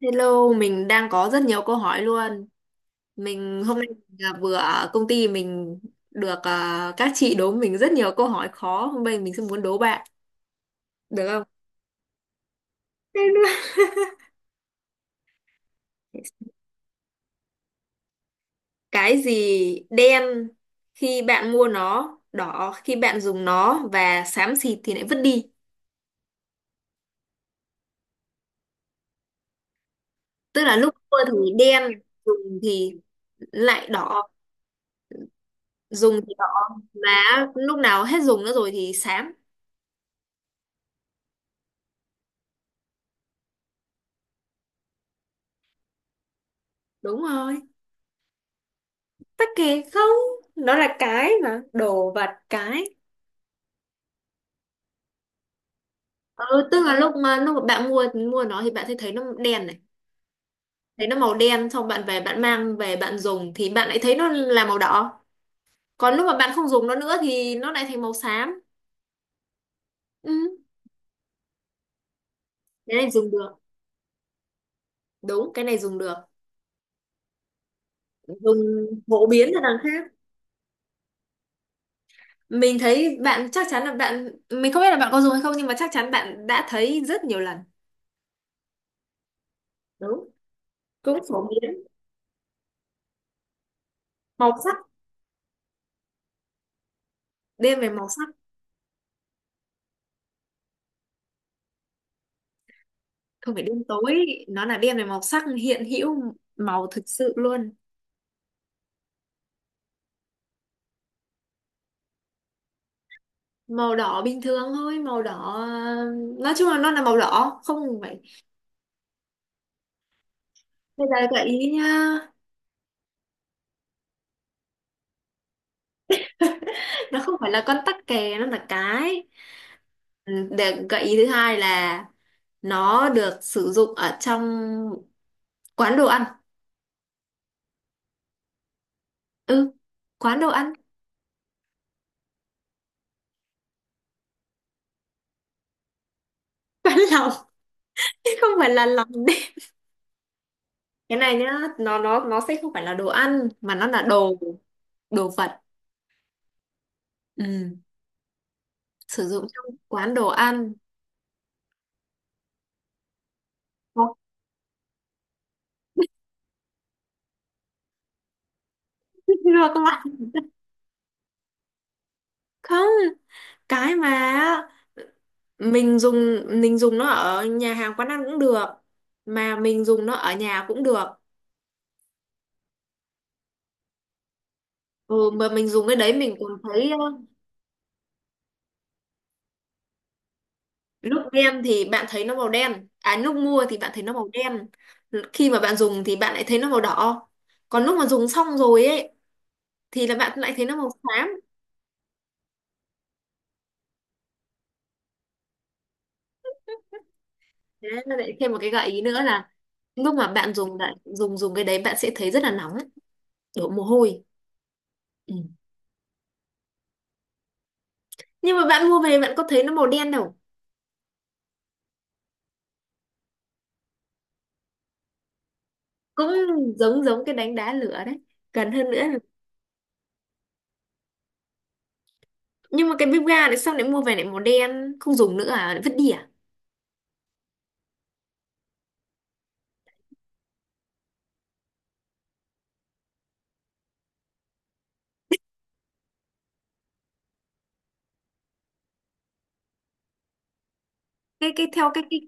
Hello, mình đang có rất nhiều câu hỏi luôn. Mình hôm nay là vừa ở công ty mình được à, các chị đố mình rất nhiều câu hỏi khó. Hôm nay mình sẽ muốn đố bạn, được không? Thế nữa. Cái gì đen khi bạn mua nó, đỏ khi bạn dùng nó và xám xịt thì lại vứt đi. Tức là lúc mua thì đen, dùng thì lại đỏ, dùng thì đỏ, mà lúc nào hết dùng nữa rồi thì xám. Đúng rồi. Tắc kè không, nó là cái mà, đồ vật. Cái ừ tức là lúc mà bạn mua mua nó thì bạn sẽ thấy nó đen này, thấy nó màu đen, xong bạn về, bạn mang về, bạn dùng thì bạn lại thấy nó là màu đỏ, còn lúc mà bạn không dùng nó nữa thì nó lại thành màu xám. Ừ, cái này dùng được, đúng, cái này dùng được, dùng phổ biến cho đằng khác. Mình thấy bạn, chắc chắn là bạn, mình không biết là bạn có dùng hay không, nhưng mà chắc chắn bạn đã thấy rất nhiều lần. Đúng, cũng phổ biến. Màu sắc, đen về màu sắc, không phải đêm tối, nó là đen về màu sắc, hiện hữu màu thực sự luôn. Màu đỏ bình thường thôi, màu đỏ. Ờ, nói chung là nó là màu đỏ, không phải. Bây giờ gợi ý nha, nó không phải là con tắc kè, nó là cái. Ừ, để gợi ý thứ hai là nó được sử dụng ở trong quán đồ ăn. Ừ, quán đồ ăn. Quán lòng. Không phải là lòng đấy. Cái này nhá, nó sẽ không phải là đồ ăn, mà nó là đồ, đồ vật. Ừ, sử dụng trong quán đồ ăn. Ủa, chưa các bạn. Không, cái mà mình dùng nó ở nhà hàng quán ăn cũng được, mà mình dùng nó ở nhà cũng được. Ừ, mà mình dùng cái đấy mình còn thấy lúc đem thì bạn thấy nó màu đen, à lúc mua thì bạn thấy nó màu đen, khi mà bạn dùng thì bạn lại thấy nó màu đỏ, còn lúc mà dùng xong rồi ấy thì là bạn lại thấy nó màu xám. Thế nó lại thêm một cái gợi ý nữa là lúc mà bạn dùng, lại dùng dùng cái đấy, bạn sẽ thấy rất là nóng, đổ mồ hôi. Ừ. Nhưng mà bạn mua về, bạn có thấy nó màu đen đâu. Cũng giống, giống cái đánh đá lửa đấy, gần hơn nữa là- nhưng mà cái bếp ga này, xong lại mua về lại màu đen, không dùng nữa à, lại vứt đi à? Cái theo cái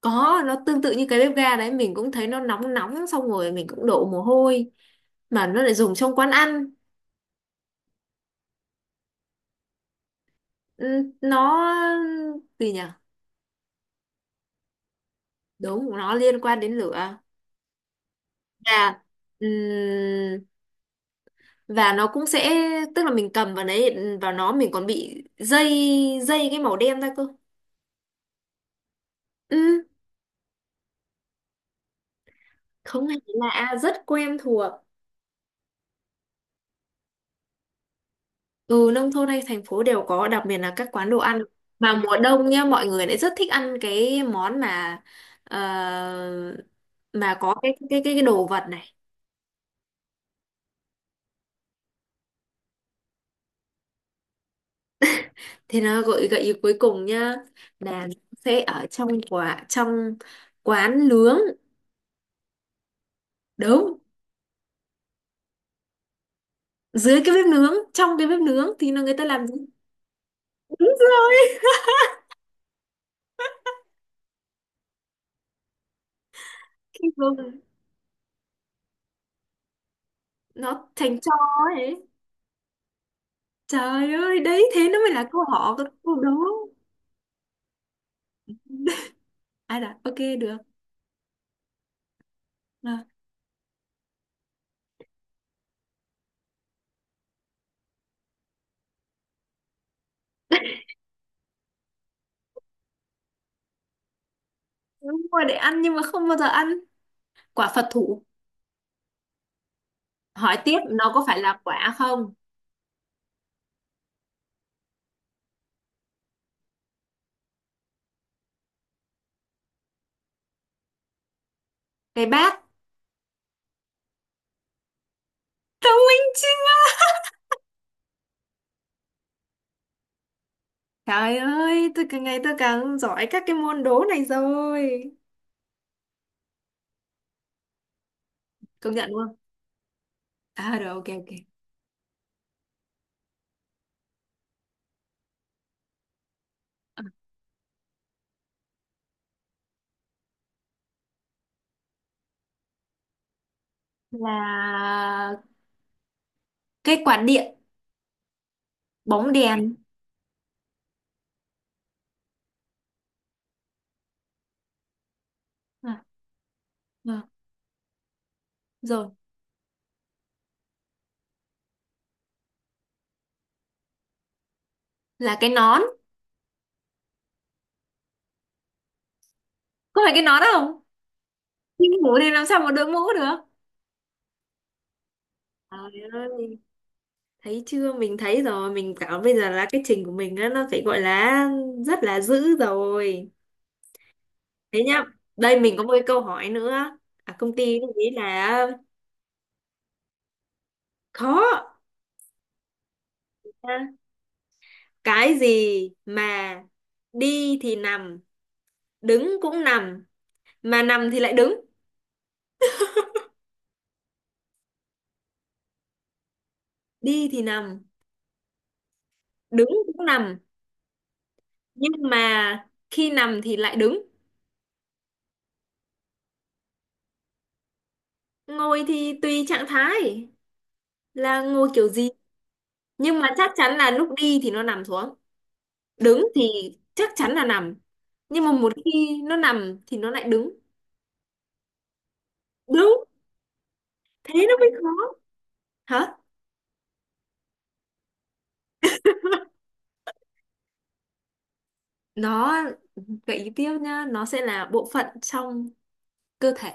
Có, nó tương tự như cái bếp ga đấy, mình cũng thấy nó nóng nóng, xong rồi mình cũng đổ mồ hôi, mà nó lại dùng trong quán ăn. Ừ, nó gì nhỉ. Đúng, nó liên quan đến lửa. Và ừm, và nó cũng sẽ, tức là mình cầm vào đấy, vào nó mình còn bị dây, dây cái màu đen ra cơ. Ừ, không hề lạ, rất quen thuộc. Ừ, nông thôn hay thành phố đều có, đặc biệt là các quán đồ ăn, mà mùa đông nhá, mọi người lại rất thích ăn cái món mà, ờ, mà có cái đồ vật này. Thì nó gợi, gợi ý cuối cùng nhá, là nó sẽ ở trong quả, trong quán nướng. Đúng. Dưới cái bếp nướng, trong cái bếp nướng thì nó người ta làm gì. Đúng rồi. Vâng, nó thành tro ấy. Trời ơi, đấy thế nó mới là câu hỏi. Câu đó ai là ok được. Rồi, đúng rồi, để ăn nhưng mà không bao giờ ăn, quả Phật thủ. Hỏi tiếp, nó có phải là quả không. Cái bát. Thông minh chứ. Trời ơi, tôi càng ngày tôi càng giỏi các cái môn đố này rồi. Công nhận luôn. À rồi, ok ok. Là cái quạt điện. Bóng đèn. À, à, rồi. Là cái nón. Có phải cái nón không? Nhưng mũ thì làm sao mà đội mũ được. Trời ơi, thấy chưa, mình thấy rồi, mình cảm bây giờ là cái trình của mình á, nó phải gọi là rất là dữ rồi. Thế nhá, đây mình có một cái câu hỏi nữa. À, công ty cũng nghĩ là khó. À, cái gì mà đi thì nằm, đứng cũng nằm, mà nằm thì lại đứng. Đi thì nằm. Đứng cũng nằm. Nhưng mà khi nằm thì lại đứng. Ngồi thì tùy trạng thái, là ngồi kiểu gì. Nhưng mà chắc chắn là lúc đi thì nó nằm xuống, đứng thì chắc chắn là nằm, nhưng mà một khi nó nằm thì nó lại đứng. Đúng. Thế nó mới khó. Hả? Nó gợi ý tiếp nhá, nó sẽ là bộ phận trong cơ thể.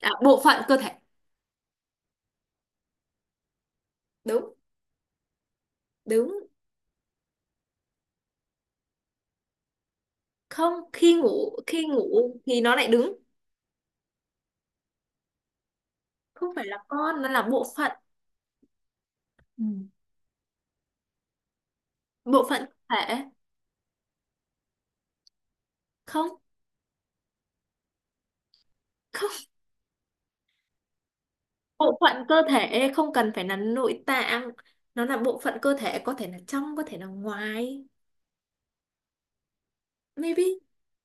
À, bộ phận cơ thể. Đúng. Đúng. Không, khi ngủ, khi ngủ thì nó lại đứng. Không phải là con, nó là bộ phận. Ừ. Bộ phận cơ thể. Không. Không. Bộ phận cơ thể không cần phải là nội tạng, nó là bộ phận cơ thể, có thể là trong, có thể là ngoài. Maybe,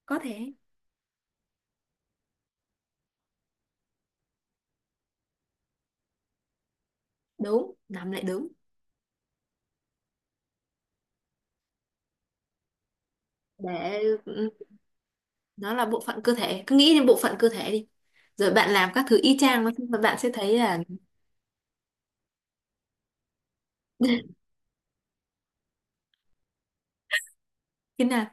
có thể. Đúng, nằm lại đứng. Để ừ, nó là bộ phận cơ thể, cứ nghĩ đến bộ phận cơ thể đi, rồi bạn làm các thứ y chang nó, bạn sẽ thấy là thế nào.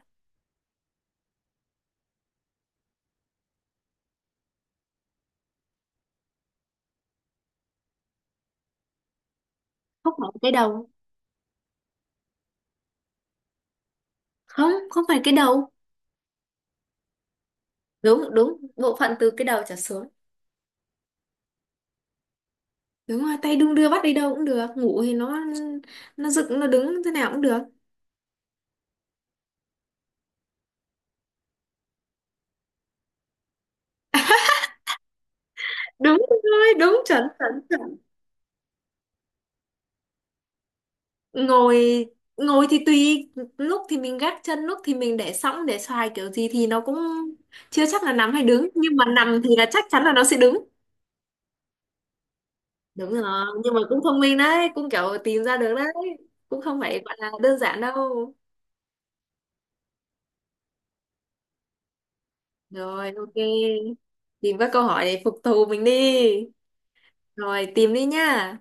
Không phải cái đầu. Không, không phải cái đầu. Đúng, đúng, bộ phận từ cái đầu trở xuống. Đúng rồi, tay đung đưa bắt đi đâu cũng được, ngủ thì nó dựng, nó đứng thế nào cũng được. Đúng rồi, đúng, chuẩn chuẩn. Ngồi, ngồi thì tùy, lúc thì mình gác chân, lúc thì mình để sõng, để xoài, kiểu gì thì nó cũng chưa chắc là nằm hay đứng, nhưng mà nằm thì là chắc chắn là nó sẽ đứng. Đúng rồi. Nhưng mà cũng thông minh đấy, cũng kiểu tìm ra được đấy, cũng không phải gọi là đơn giản đâu. Rồi, ok. Tìm các câu hỏi để phục thù mình đi. Rồi, tìm đi nhá.